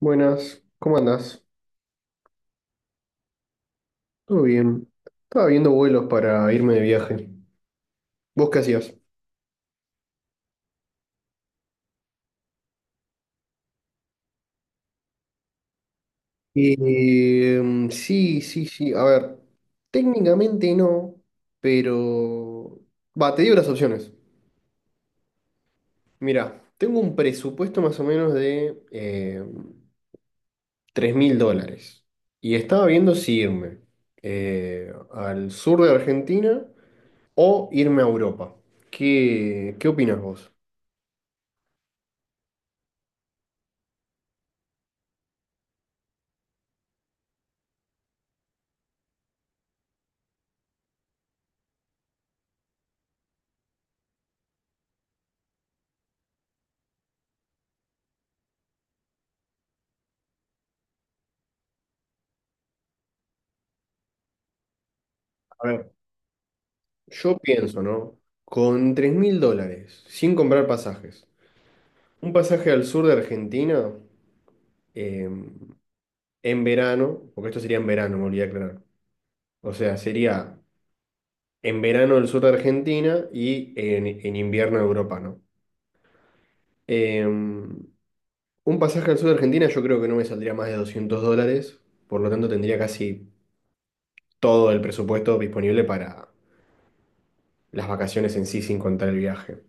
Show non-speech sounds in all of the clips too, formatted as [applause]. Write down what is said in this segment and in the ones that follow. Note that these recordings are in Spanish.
Buenas, ¿cómo andás? ¿Todo bien? Estaba viendo vuelos para irme de viaje. ¿Vos qué hacías? Eh, sí, sí, sí. A ver, técnicamente no, pero. Va, te digo las opciones. Mira, tengo un presupuesto más o menos de 3 mil dólares. Y estaba viendo si irme al sur de Argentina o irme a Europa. ¿Qué opinas vos? A ver. Yo pienso, ¿no? Con 3.000 dólares, sin comprar pasajes, un pasaje al sur de Argentina eh, en verano, porque esto sería en verano, me olvidé de aclarar. O sea, sería en verano el sur de Argentina y en invierno Europa, ¿no? Un pasaje al sur de Argentina yo creo que no me saldría más de 200 dólares, por lo tanto tendría casi todo el presupuesto disponible para las vacaciones en sí, sin contar el viaje.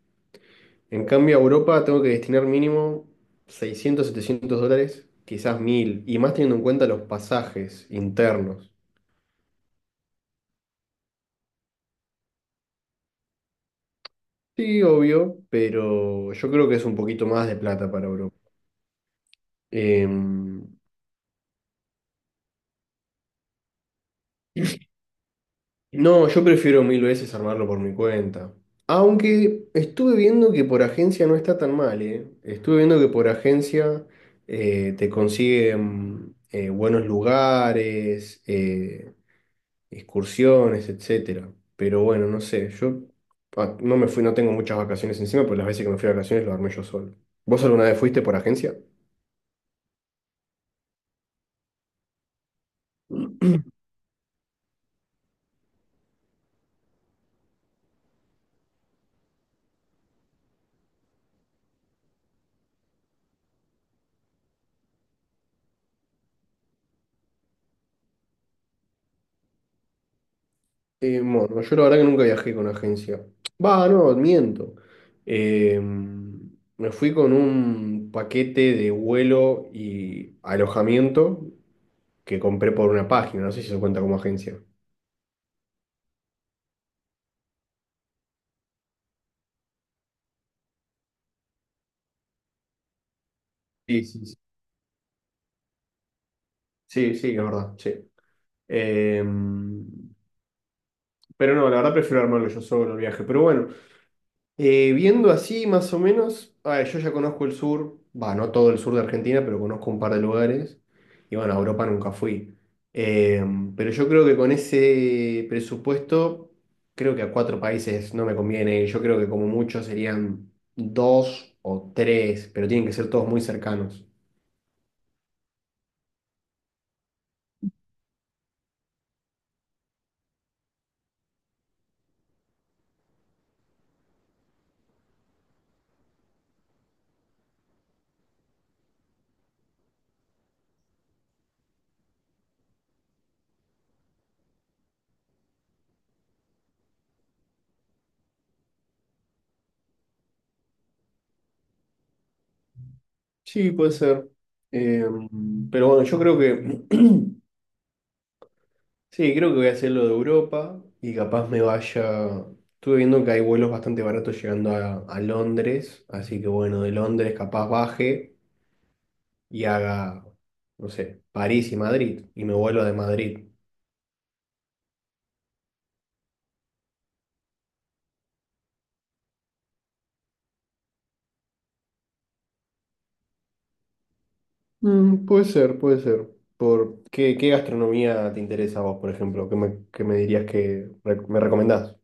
En cambio, a Europa tengo que destinar mínimo 600 700 dólares, quizás 1000 y más teniendo en cuenta los pasajes internos. Sí, obvio, pero yo creo que es un poquito más de plata para Europa. Em, no, yo prefiero mil veces armarlo por mi cuenta. Aunque estuve viendo que por agencia no está tan mal, ¿eh? Estuve viendo que por agencia te consiguen buenos lugares, excursiones, etcétera. Pero bueno, no sé, yo no me fui, no tengo muchas vacaciones encima, pero las veces que me fui a vacaciones lo armé yo solo. ¿Vos alguna vez fuiste por agencia? Bueno, yo la verdad que nunca viajé con agencia. Va, no, miento. Me fui con un paquete de vuelo y alojamiento que compré por una página, no sé si eso cuenta como agencia. Sí, sí, sí. Sí, sí, es verdad, sí. Eh, pero no, la verdad prefiero armarlo yo solo el viaje. Pero bueno, viendo así, más o menos, a ver, yo ya conozco el sur, va, no todo el sur de Argentina, pero conozco un par de lugares. Y bueno, a Europa nunca fui. Eh, pero yo creo que con ese presupuesto, creo que a cuatro países no me conviene ir. Yo creo que como mucho serían dos o tres, pero tienen que ser todos muy cercanos. Sí, puede ser. Eh, pero bueno, yo creo que [clears throat] sí, creo que voy a hacer lo de Europa y capaz me vaya. Estuve viendo que hay vuelos bastante baratos llegando a Londres, así que bueno, de Londres capaz baje y haga, no sé, París y Madrid y me vuelo de Madrid. Mm, puede ser, puede ser. ¿Qué gastronomía te interesa a vos, por ejemplo? ¿Qué me dirías que me recomendás?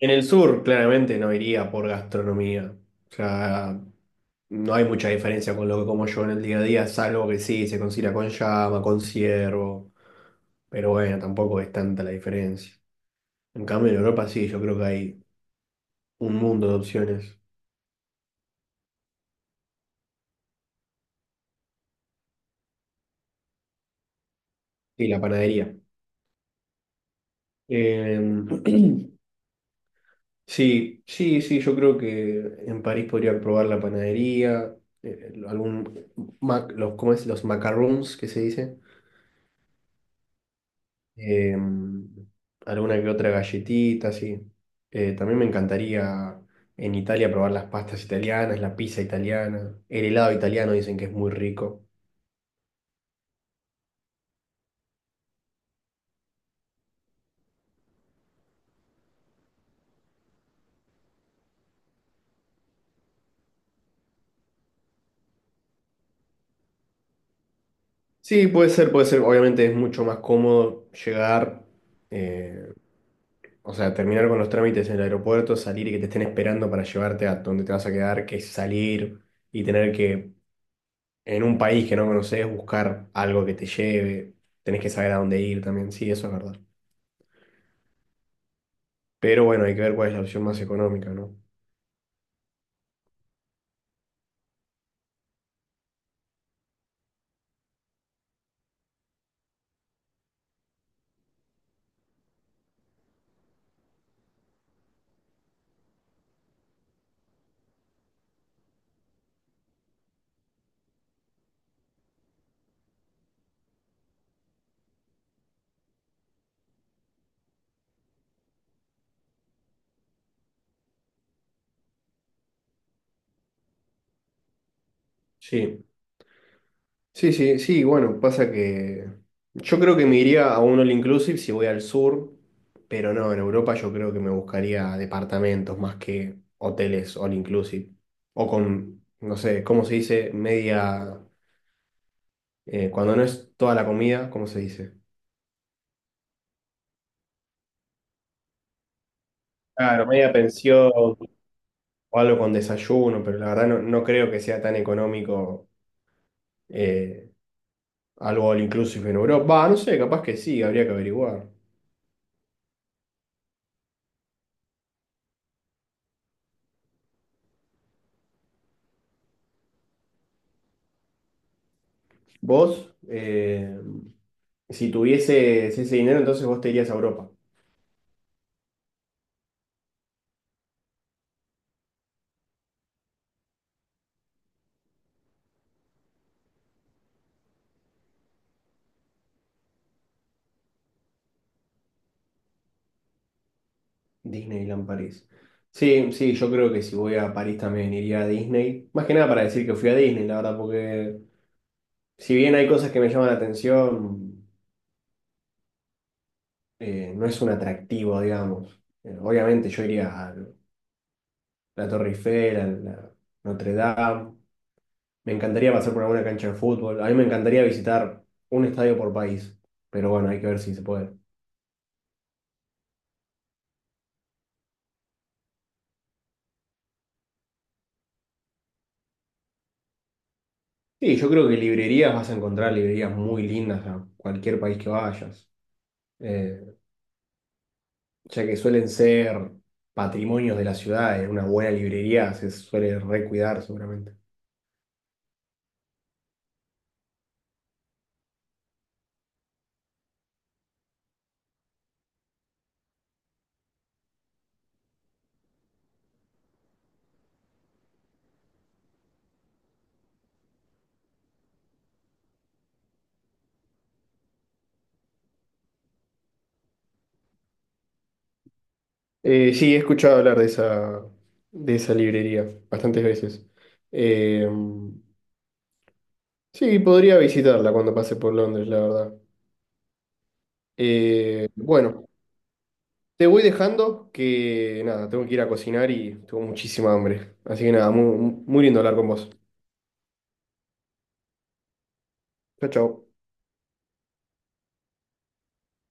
En el sur, claramente no iría por gastronomía. O sea, no hay mucha diferencia con lo que como yo en el día a día, salvo que sí, se considera con llama, con ciervo. Pero bueno, tampoco es tanta la diferencia. En cambio, en Europa sí, yo creo que hay un mundo de opciones. Y la panadería. Eh, [clears throat] sí, sí, sí, yo creo que en París podría probar la panadería, eh, algún, los, ¿cómo es? Los macarons, que se dice. eh, Alguna que otra galletita, sí. También me encantaría en Italia probar las pastas italianas, la pizza italiana, el helado italiano dicen que es muy rico. Sí, puede ser, puede ser. Obviamente es mucho más cómodo llegar, eh, o sea, terminar con los trámites en el aeropuerto, salir y que te estén esperando para llevarte a donde te vas a quedar, que salir y tener que, en un país que no conoces, buscar algo que te lleve. Tenés que saber a dónde ir también. Sí, eso es verdad. Pero bueno, hay que ver cuál es la opción más económica, ¿no? Sí, sí, sí, sí, bueno, pasa que yo creo que me iría a un all inclusive si voy al sur, pero no, en Europa yo creo que me buscaría departamentos más que hoteles all inclusive. O con, no sé, ¿cómo se dice? Media, cuando no es toda la comida, ¿cómo se dice? Claro, media pensión o algo con desayuno, pero la verdad no, no creo que sea tan económico. eh, Algo all inclusive en Europa. Va, no sé, capaz que sí, habría que averiguar. Vos, si tuvieses ese dinero, entonces vos te irías a Europa. Disneyland París. Sí, sí, yo creo que si voy a París también iría a Disney. Más que nada para decir que fui a Disney, la verdad, porque si bien hay cosas que me llaman la atención, no es un atractivo, digamos. Obviamente yo iría a la Torre Eiffel, a la Notre Dame. Me encantaría pasar por alguna cancha de fútbol. A mí me encantaría visitar un estadio por país. Pero bueno, hay que ver si se puede. Sí, yo creo que librerías vas a encontrar librerías muy lindas a cualquier país que vayas. Eh, ya que suelen ser patrimonios de la ciudad, una buena librería se suele recuidar seguramente. Sí, he escuchado hablar de esa librería bastantes veces. Eh, sí, podría visitarla cuando pase por Londres, la verdad. Bueno, te voy dejando que nada, tengo que ir a cocinar y tengo muchísima hambre. Así que nada, muy, muy lindo hablar con vos. Chao, chao.